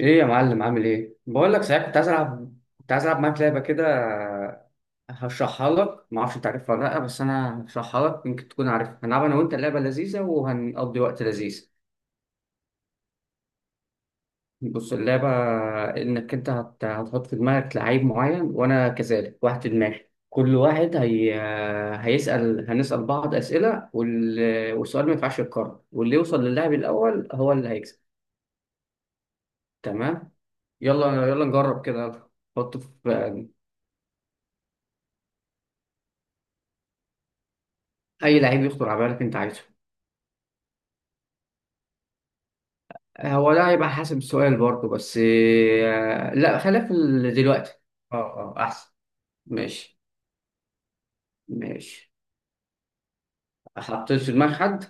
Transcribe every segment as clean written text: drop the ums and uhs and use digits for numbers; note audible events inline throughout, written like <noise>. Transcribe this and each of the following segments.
ايه يا معلم، عامل ايه؟ بقول لك صحيح، كنت عايز العب معاك لعبه كده. هشرحها لك، ما اعرفش انت عارفها ولا لا، بس انا هشرحها لك، يمكن تكون عارفها. هنلعب انا وانت، اللعبه لذيذه وهنقضي وقت لذيذ. بص اللعبه، انك انت هتحط في دماغك لعيب معين، وانا كذلك واحد في دماغي. كل واحد هنسال بعض اسئله، والسؤال ما ينفعش يتكرر، واللي يوصل للاعب الاول هو اللي هيكسب. تمام. يلا يلا نجرب كده يلا. حط في. اي لعيب يخطر على بالك انت عايزه. هو ده هيبقى حسب السؤال برضه، بس لا، خلينا في دلوقتي. اه اه احسن. ماشي ماشي. حطيت في دماغ حد.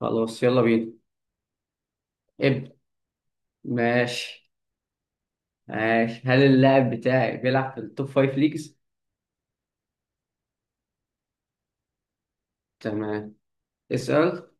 خلاص يلا بينا. ابدا. ماشي ماشي. هل اللاعب بتاعي بيلعب في التوب فايف ليجز؟ تمام. اسأل.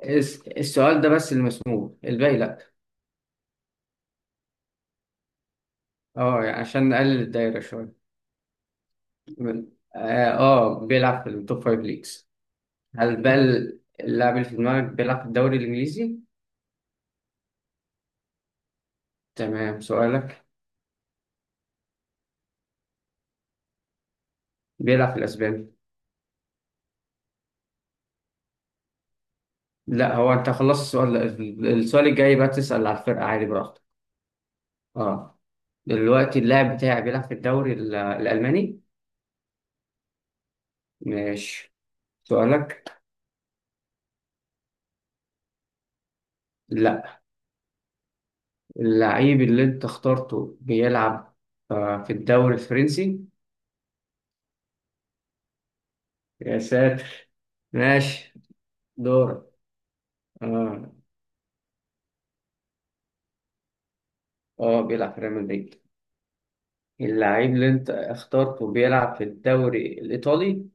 السؤال ده بس اللي مسموع، الباقي لا. اه يعني عشان نقلل الدايرة شوية. م- اه، بيلعب في التوب فايف ليجز. هل بقى اللاعب اللي في دماغك بيلعب في الدوري الانجليزي؟ تمام، سؤالك. بيلعب في الأسباني. لا، هو أنت خلصت السؤال. السؤال الجاي بقى تسأل على الفرقة، عادي براحتك. اه. دلوقتي اللاعب بتاعي بيلعب في الدوري الألماني؟ ماشي، سؤالك. لا. اللعيب اللي أنت اخترته بيلعب في الدوري الفرنسي؟ يا ساتر. ماشي، دورك. اه اه، بيلعب في ريال مدريد. اللعيب اللي أنت اخترته بيلعب في الدوري الإيطالي؟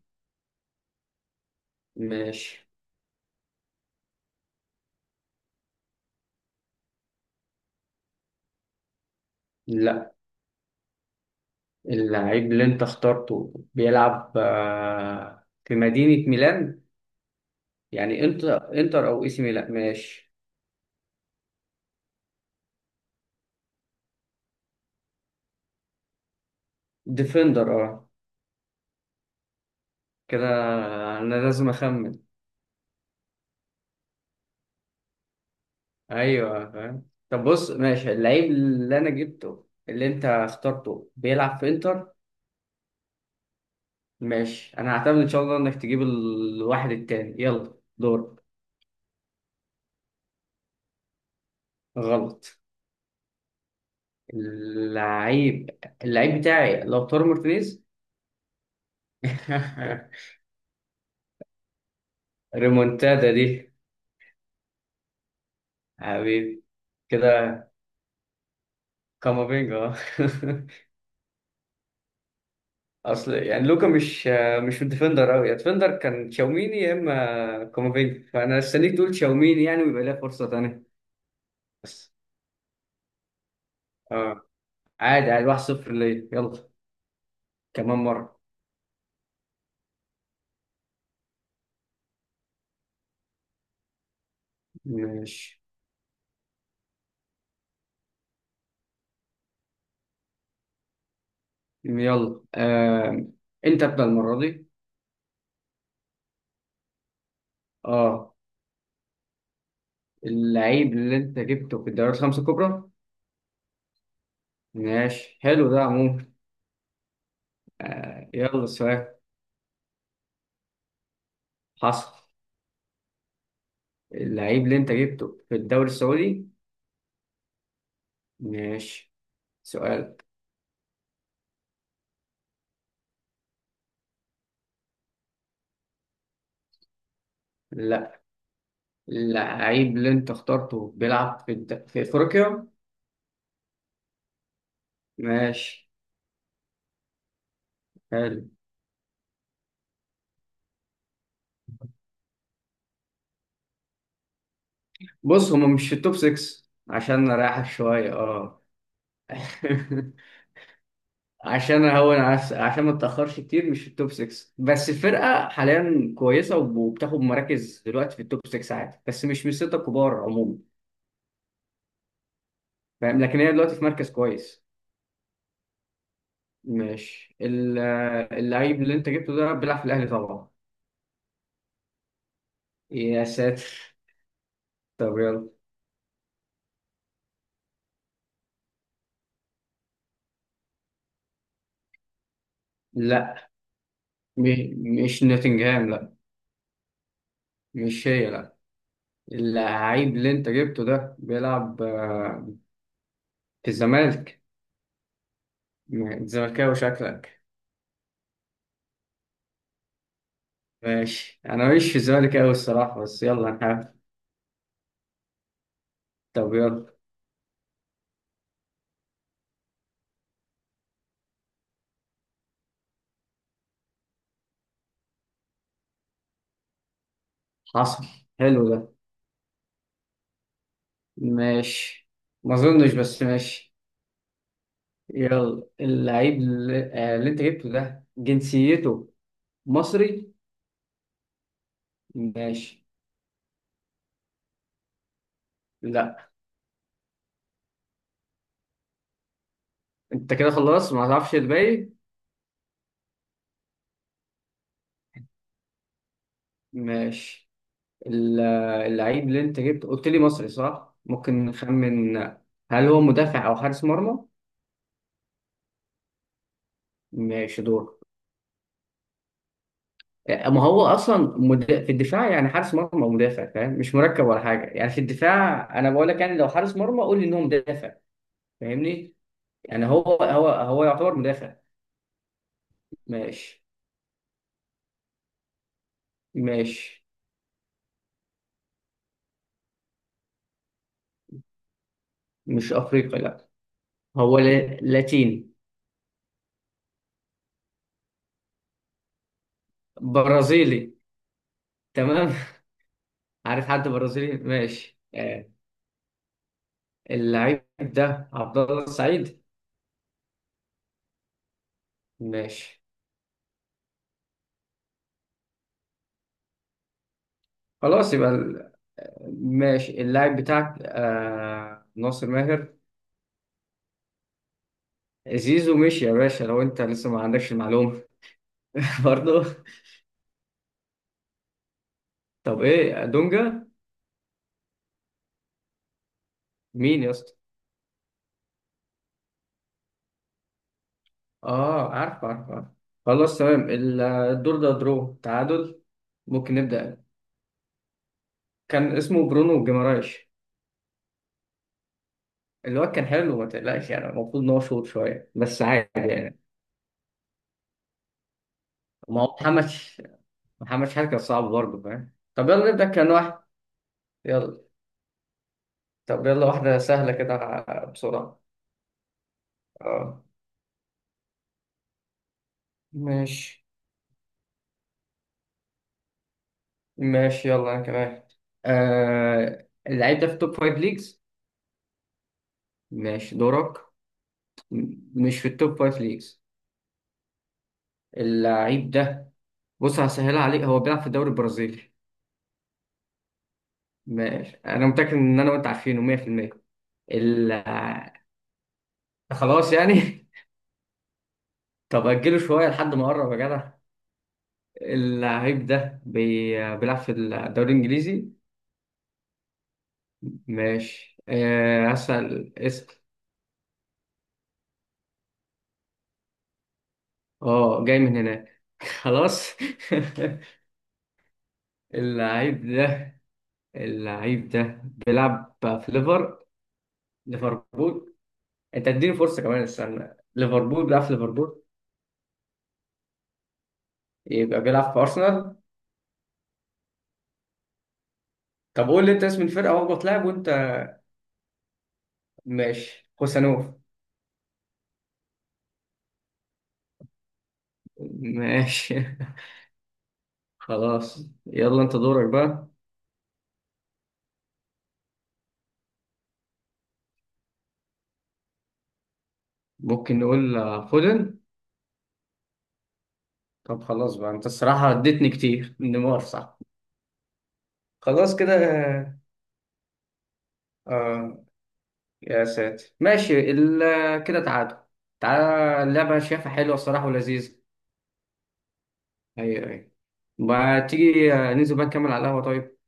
ماشي. لا. اللعيب اللي انت اخترته بيلعب في مدينة ميلان. يعني انتر انتر او اي سي ميلان، ماشي. ديفندر اه. كده انا لازم اخمن. ايوه فاهم. طب بص، ماشي، اللعيب اللي انا جبته اللي انت اخترته بيلعب في انتر؟ ماشي. انا هعتمد ان شاء الله انك تجيب الواحد التاني. يلا دور. غلط. اللعيب اللعيب بتاعي لو تورو مارتينيز. <laughs> ريمونتادا دي، حبيبي. كده. كامافينجا آه. <laughs> اصل يعني لوكا، مش ديفندر قوي. يا ديفندر كان تشاوميني، يا اما كامافينجا، فانا استنيك تقول تشاوميني يعني، ويبقى ليها فرصه تانيه. بس اه، عادي عادي. 1-0 ليا، يلا كمان مره. ماشي. يلا آه. انت ابدا المره دي. اه. اللعيب اللي انت جبته في الدوريات الخمسه الكبرى؟ ماشي حلو ده عموما. آه. يلا سؤال. حصل. اللعيب اللي انت جبته في الدوري السعودي؟ ماشي. سؤال. لا. اللعيب اللي انت اخترته بيلعب في في افريقيا؟ ماشي حلو. بص، هما مش في التوب 6. عشان نريحك شوية اه. <laughs> عشان اهون عشان ما اتاخرش كتير. مش في التوب 6، بس الفرقة حاليا كويسة، وبتاخد مراكز دلوقتي في التوب 6، عادي، بس مش من الستة الكبار عموما. فاهم، لكن هي دلوقتي في مركز كويس. ماشي. اللعيب اللي انت جبته ده بيلعب في الاهلي طبعا؟ يا ساتر. طب يلا. لا، مش نوتنجهام، لا. مش هي، لا. اللعيب اللي انت جبته ده بيلعب في الزمالك؟ زملكاوي شكلك. ماشي، انا مش في الزمالك قوي الصراحه، بس يلا نحاول. طب يلا. حصل حلو ده. ماشي، ما اظنش بس ماشي. يلا اللعيب اللي انت جبته ده جنسيته مصري. ماشي. لا. انت كده خلصت، ما تعرفش الباقي. ماشي ال- اللعيب اللي انت جبته قلت لي مصري صح؟ ممكن نخمن. هل هو مدافع او حارس مرمى؟ ماشي دور. ما هو اصلا في الدفاع، يعني حارس مرمى ومدافع فاهم، مش مركب ولا حاجه. يعني في الدفاع انا بقول لك، يعني لو حارس مرمى قول لي، ان هو مدافع. فاهمني؟ يعني هو يعتبر مدافع. ماشي ماشي. مش افريقي، لا. هو لاتيني. برازيلي. تمام. <laughs> عارف حد برازيلي؟ ماشي اللعيب ده عبد الله السعيد؟ ماشي. خلاص يبقى ماشي اللاعب بتاعك ناصر ماهر؟ زيزو مشي يا باشا، لو انت لسه ما عندكش المعلومة. <laughs> برضه. طب ايه، دونجا؟ مين يا اسطى؟ اه عارف عارف عارف. خلاص تمام. الدور ده درو، تعادل. ممكن نبدأ. كان اسمه برونو جيمارايش. الواد كان حلو ما تقلقش يعني، المفروض ان هو شوط شوية، بس عادي. ما هو محمد شحات كان صعب برضه فاهم. طب يلا نبدأ كان واحد. يلا. طب يلا واحدة سهلة كده، بسرعة. اه. ماشي. ماشي يلا، انا كمان. اللعيب ده في التوب فايف ليجز؟ ماشي دورك. م- مش في التوب فايف ليجز. اللعيب ده، بص هسهلها عليك، هو بيلعب في الدوري البرازيلي. ماشي، انا متأكد ان انا وانت عارفينه 100%. ال- خلاص يعني. <laughs> طب اجله شوية لحد ما اقرب يا جدع. اللعيب ده بيلعب في الدوري الانجليزي؟ ماشي اسأل اسأل. اه، جاي من هناك. <laughs> خلاص. <laughs> اللعيب ده اللعيب ده بيلعب في ليفر، ليفربول. انت اديني فرصة كمان، استنى. ليفربول بيلعب في ليفربول؟ يبقى بيلعب في أرسنال. طب قول لي انت اسم الفرقة وهو بتلعب وانت. ماشي، خوسانوف. ماشي. <laughs> خلاص يلا انت دورك بقى. ممكن نقول فودن؟ طب خلاص بقى، انت الصراحة اديتني كتير، نيمار صح؟ خلاص كده. اه. يا ساتر، ماشي كده تعادل. تعالى، اللعبة شايفها حلوة الصراحة ولذيذة. ايوه ايوه. ما تيجي ننزل بقى نكمل على القهوة طيب.